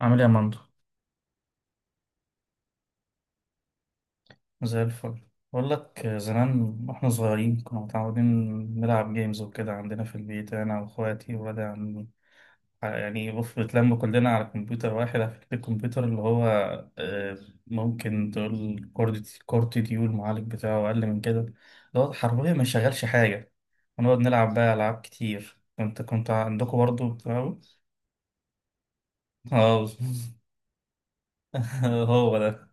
عامل ايه يا مندو؟ زي الفل. بقول لك، زمان واحنا صغيرين كنا متعودين نلعب جيمز وكده عندنا في البيت انا واخواتي وولاد عمي. يعني بص، بنتلم كلنا على كمبيوتر واحد. على فكرة الكمبيوتر اللي هو آه، ممكن تقول كورت ديو، المعالج بتاعه اقل من كده، اللي هو حرفيا ما شغالش حاجة. ونقعد نلعب بقى العاب كتير. كنت عندكم برضه بتاعه. اه. هو ده.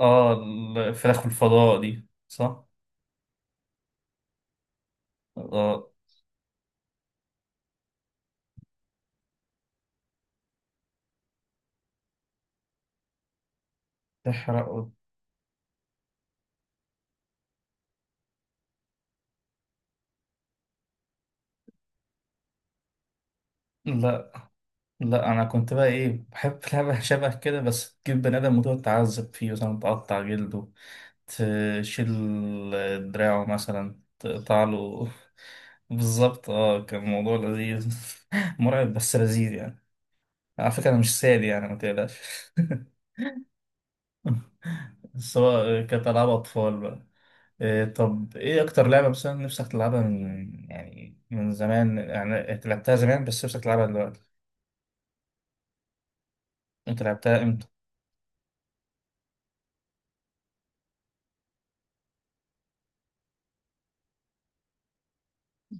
اه الفراخ والفضاء دي، صح. اه. تحرقه. لا لا انا كنت بقى ايه، بحب لعبة شبه كده، بس تجيب بني ادم وتقعد تعذب فيه، مثلا تقطع جلده، تشيل دراعه، مثلا تقطع له بالظبط، اه كان الموضوع لذيذ. مرعب بس لذيذ يعني. على فكرة انا مش سادي يعني، ما تقلقش. بس هو كانت ألعاب أطفال بقى. إيه، طب إيه أكتر لعبة مثلا نفسك تلعبها من، يعني من زمان، يعني أنت لعبتها زمان بس نفسك تلعبها دلوقتي؟ أنت لعبتها إمتى؟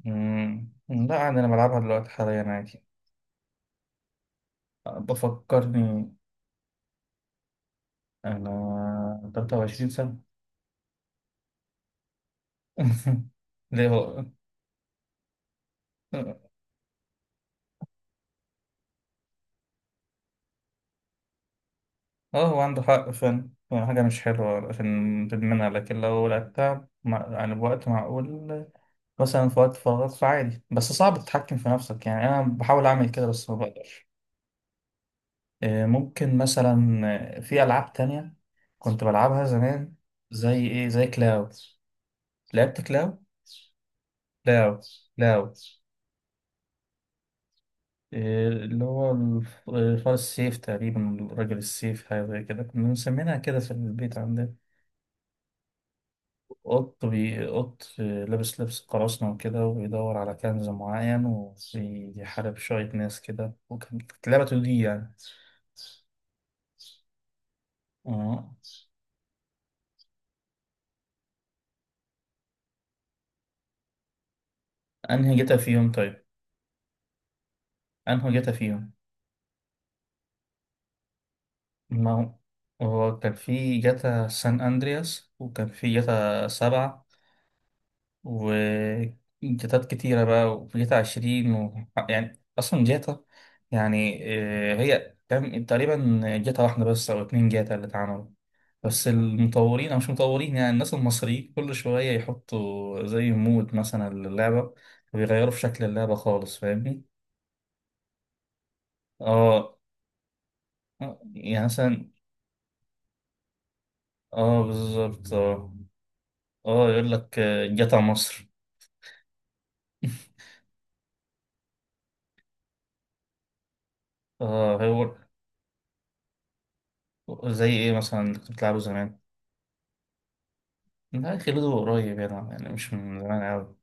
مم. لا عادي، أنا بلعبها دلوقتي حاليا عادي. بفكرني. أنا 23 سنة. ليه هو؟ اه هو عنده حق فعلا، هو حاجة مش حلوة عشان تدمنها، لكن لو لعبتها مع، يعني بوقت معقول، مثلا في وقت فراغ فعادي. بس صعب تتحكم في نفسك، يعني أنا بحاول أعمل كده بس ما بقدرش. ممكن مثلا في ألعاب تانية كنت بلعبها زمان. زي إيه؟ زي كلاو. لعبت كلاو؟ كلاو. كلاو. إيه اللي هو فار السيف، تقريبا راجل السيف، حاجة زي كده كنا مسمينها كده في البيت عندنا. قط بي قط لابس لبس قراصنة وكده، وبيدور على كنز معين وبيحارب شوية ناس كده، وكانت لعبة تو دي يعني. اه. انهي جتا فيهم طيب؟ انهي جتا فيهم؟ ما هو، هو كان في جتا سان اندرياس، وكان في جتا سبعة، وجيتات كتيرة بقى، وجيتا عشرين و... يعني أصلا جيتا يعني هي تقريبا جيتا واحدة بس أو اتنين جيتا اللي اتعملوا، بس المطورين أو مش مطورين، يعني الناس المصريين كل شوية يحطوا زي مود مثلا للعبة، ويغيروا في شكل اللعبة خالص. فاهمني؟ اه يعني مثلا. اه بالظبط اه. اه يقول لك جيتا مصر. اه هو. زي ايه مثلا اللي كنت بتلعبه زمان؟ لا خلوده قريب يعني، يعني مش من زمان أوي،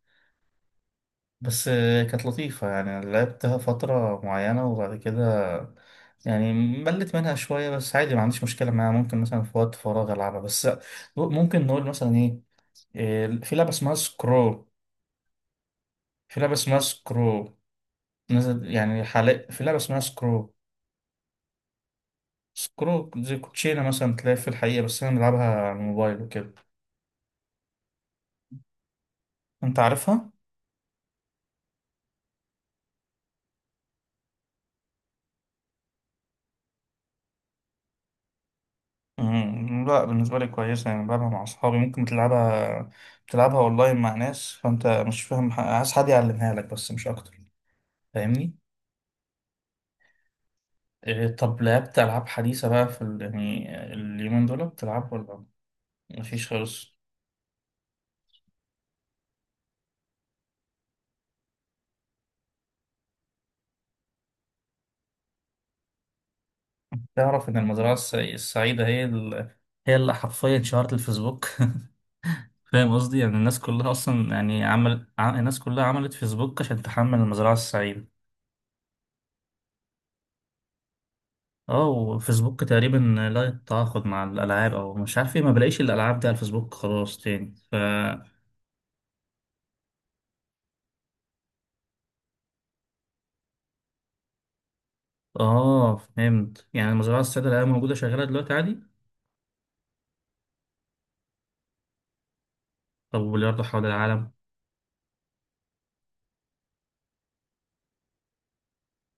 بس كانت لطيفة يعني، لعبتها فترة معينة وبعد كده يعني ملت منها شوية، بس عادي ما عنديش مشكلة معاها، ممكن مثلا في وقت فراغ ألعبها. بس ممكن نقول مثلا إيه، آه، في لعبة اسمها سكرو في لعبة اسمها سكرو نزل يعني حاليا في لعبة اسمها سكرو. سكرو زي كوتشينة مثلا، تلاقي في الحقيقة، بس أنا بلعبها على الموبايل وكده. أنت عارفها؟ مم، لا بالنسبة لي كويسة، يعني بلعبها مع أصحابي. ممكن تلعبها أونلاين مع ناس. فأنت مش فاهم، عايز حد يعلمها لك بس، مش أكتر. فاهمني؟ إيه، طب لعبت ألعاب حديثة بقى في ال... يعني اليومين دول بتلعب ولا مفيش خالص؟ تعرف إن المزرعة السعيدة هي ال... هي اللي حرفيا شهرت الفيسبوك. فاهم قصدي؟ يعني الناس كلها أصلا، يعني عمل الناس كلها عملت فيسبوك عشان تحمل المزرعة السعيدة. اه وفيسبوك تقريبا لا يتعاقد مع الالعاب، او مش عارف ايه، ما بلاقيش الالعاب دي على الفيسبوك خلاص تاني ف... اه فهمت، يعني المزرعه السعيده اللي هي موجوده شغاله دلوقتي عادي. طب وبلياردو حول العالم؟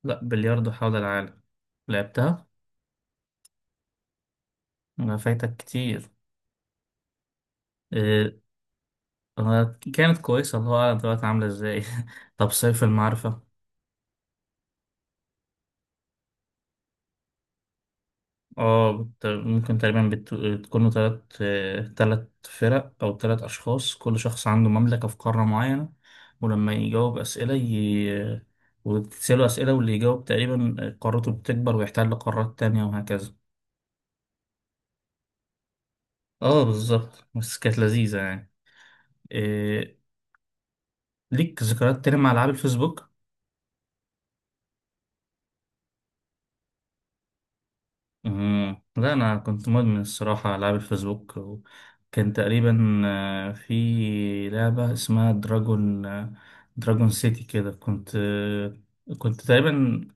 لا بلياردو حول العالم. لعبتها؟ ما فايتك كتير. إيه. كانت كويسه، الله اعلم دلوقتي عامله ازاي. طب سيف المعرفه؟ اه ممكن تقريبا بتكونوا تلات فرق أو تلات أشخاص، كل شخص عنده مملكة في قارة معينة، ولما يجاوب أسئلة ي... وتسأله أسئلة، واللي يجاوب تقريبا قارته بتكبر ويحتل قارات تانية، وهكذا. اه بالظبط، بس كانت لذيذة يعني. إيه... ليك ذكريات تانية مع ألعاب الفيسبوك؟ مم. لا أنا كنت مدمن الصراحة على ألعاب الفيسبوك، وكان تقريبا في لعبة اسمها دراجون، دراجون سيتي كده. كنت كنت تقريبا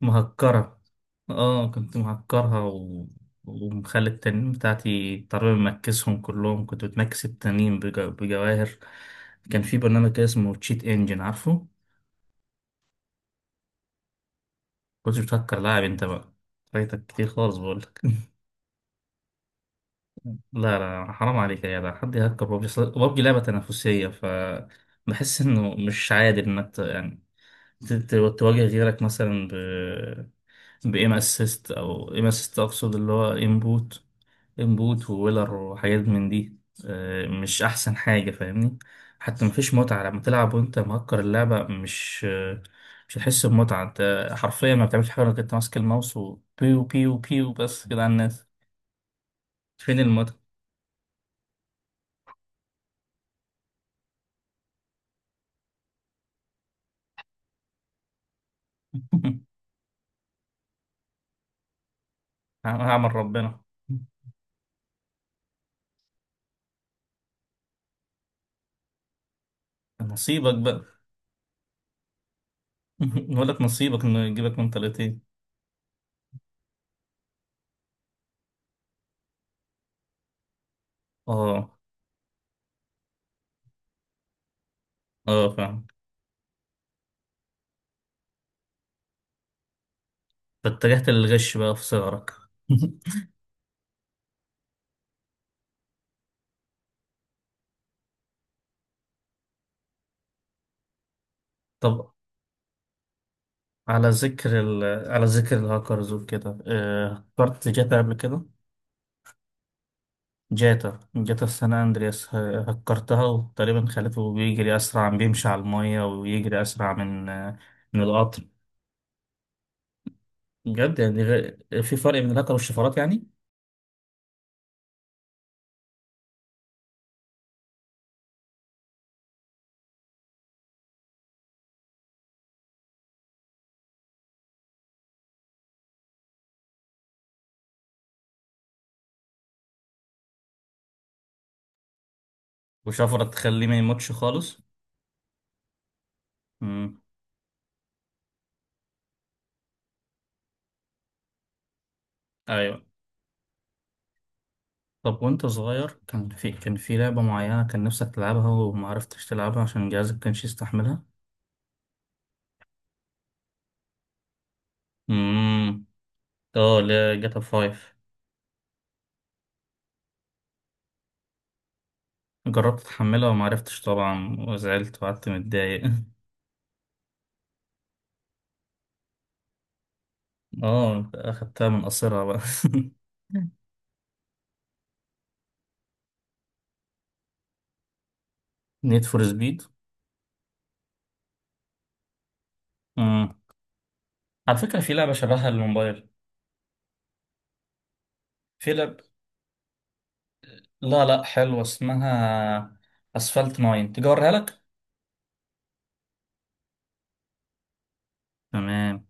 مهكرة. اه كنت مهكرها، و... ومخلي التنين بتاعتي تقريبا مكسهم كلهم، كنت بتمكس التنين بجواهر. كان في برنامج كده اسمه تشيت انجن، عارفه؟ كنت بتهكر، لاعب انت بقى. فايتك كتير خالص بقول. لا لا حرام عليك يا جدع، حد يهكر بابجي؟ أصل بابجي لعبة تنافسية، ف بحس انه مش عادل انك يعني تواجه غيرك مثلا ب، بإيم اسيست او إيم اسيست، اقصد اللي هو انبوت وويلر وحاجات من دي. مش احسن حاجة، فاهمني؟ حتى مفيش متعة لما تلعب وانت مهكر اللعبة. مش مش هتحس بمتعة، انت حرفيا ما بتعملش حاجة غير انك انت ماسك الماوس، وبيو بيو بيو بس كده على الناس. فين المتعة؟ هعمل ربنا. نصيبك بقى. نقول لك نصيبك انه يجيبك من طليقتين. اه. اه فاهم. فاتجهت للغش بقى في صغرك. طب على ذكر ال... على ذكر الهاكرز وكده، هكرت جاتا قبل كده؟ جاتا سان اندرياس، هكرتها وتقريبا خليته بيجري اسرع، بيمشي على المية، ويجري اسرع من من القطر. بجد، يعني في فرق بين الهاكر والشفرات يعني. وشفرة تخليه ما يموتش خالص. مم. ايوه. طب وانت صغير كان في كان في لعبة معينة كان نفسك تلعبها وما عرفتش تلعبها عشان جهازك كانش يستحملها؟ امم. اه لا، جاتا فايف. جربت تحملها وما عرفتش طبعا، وزعلت وقعدت متضايق. اه اخدتها من قصرها بقى. نيد فور سبيد. امم. على فكرة في لعبة شبهها للموبايل. في لعبة، لا لا حلوة، اسمها، اسفلت ناين، تيجي اوريها لك؟ تمام.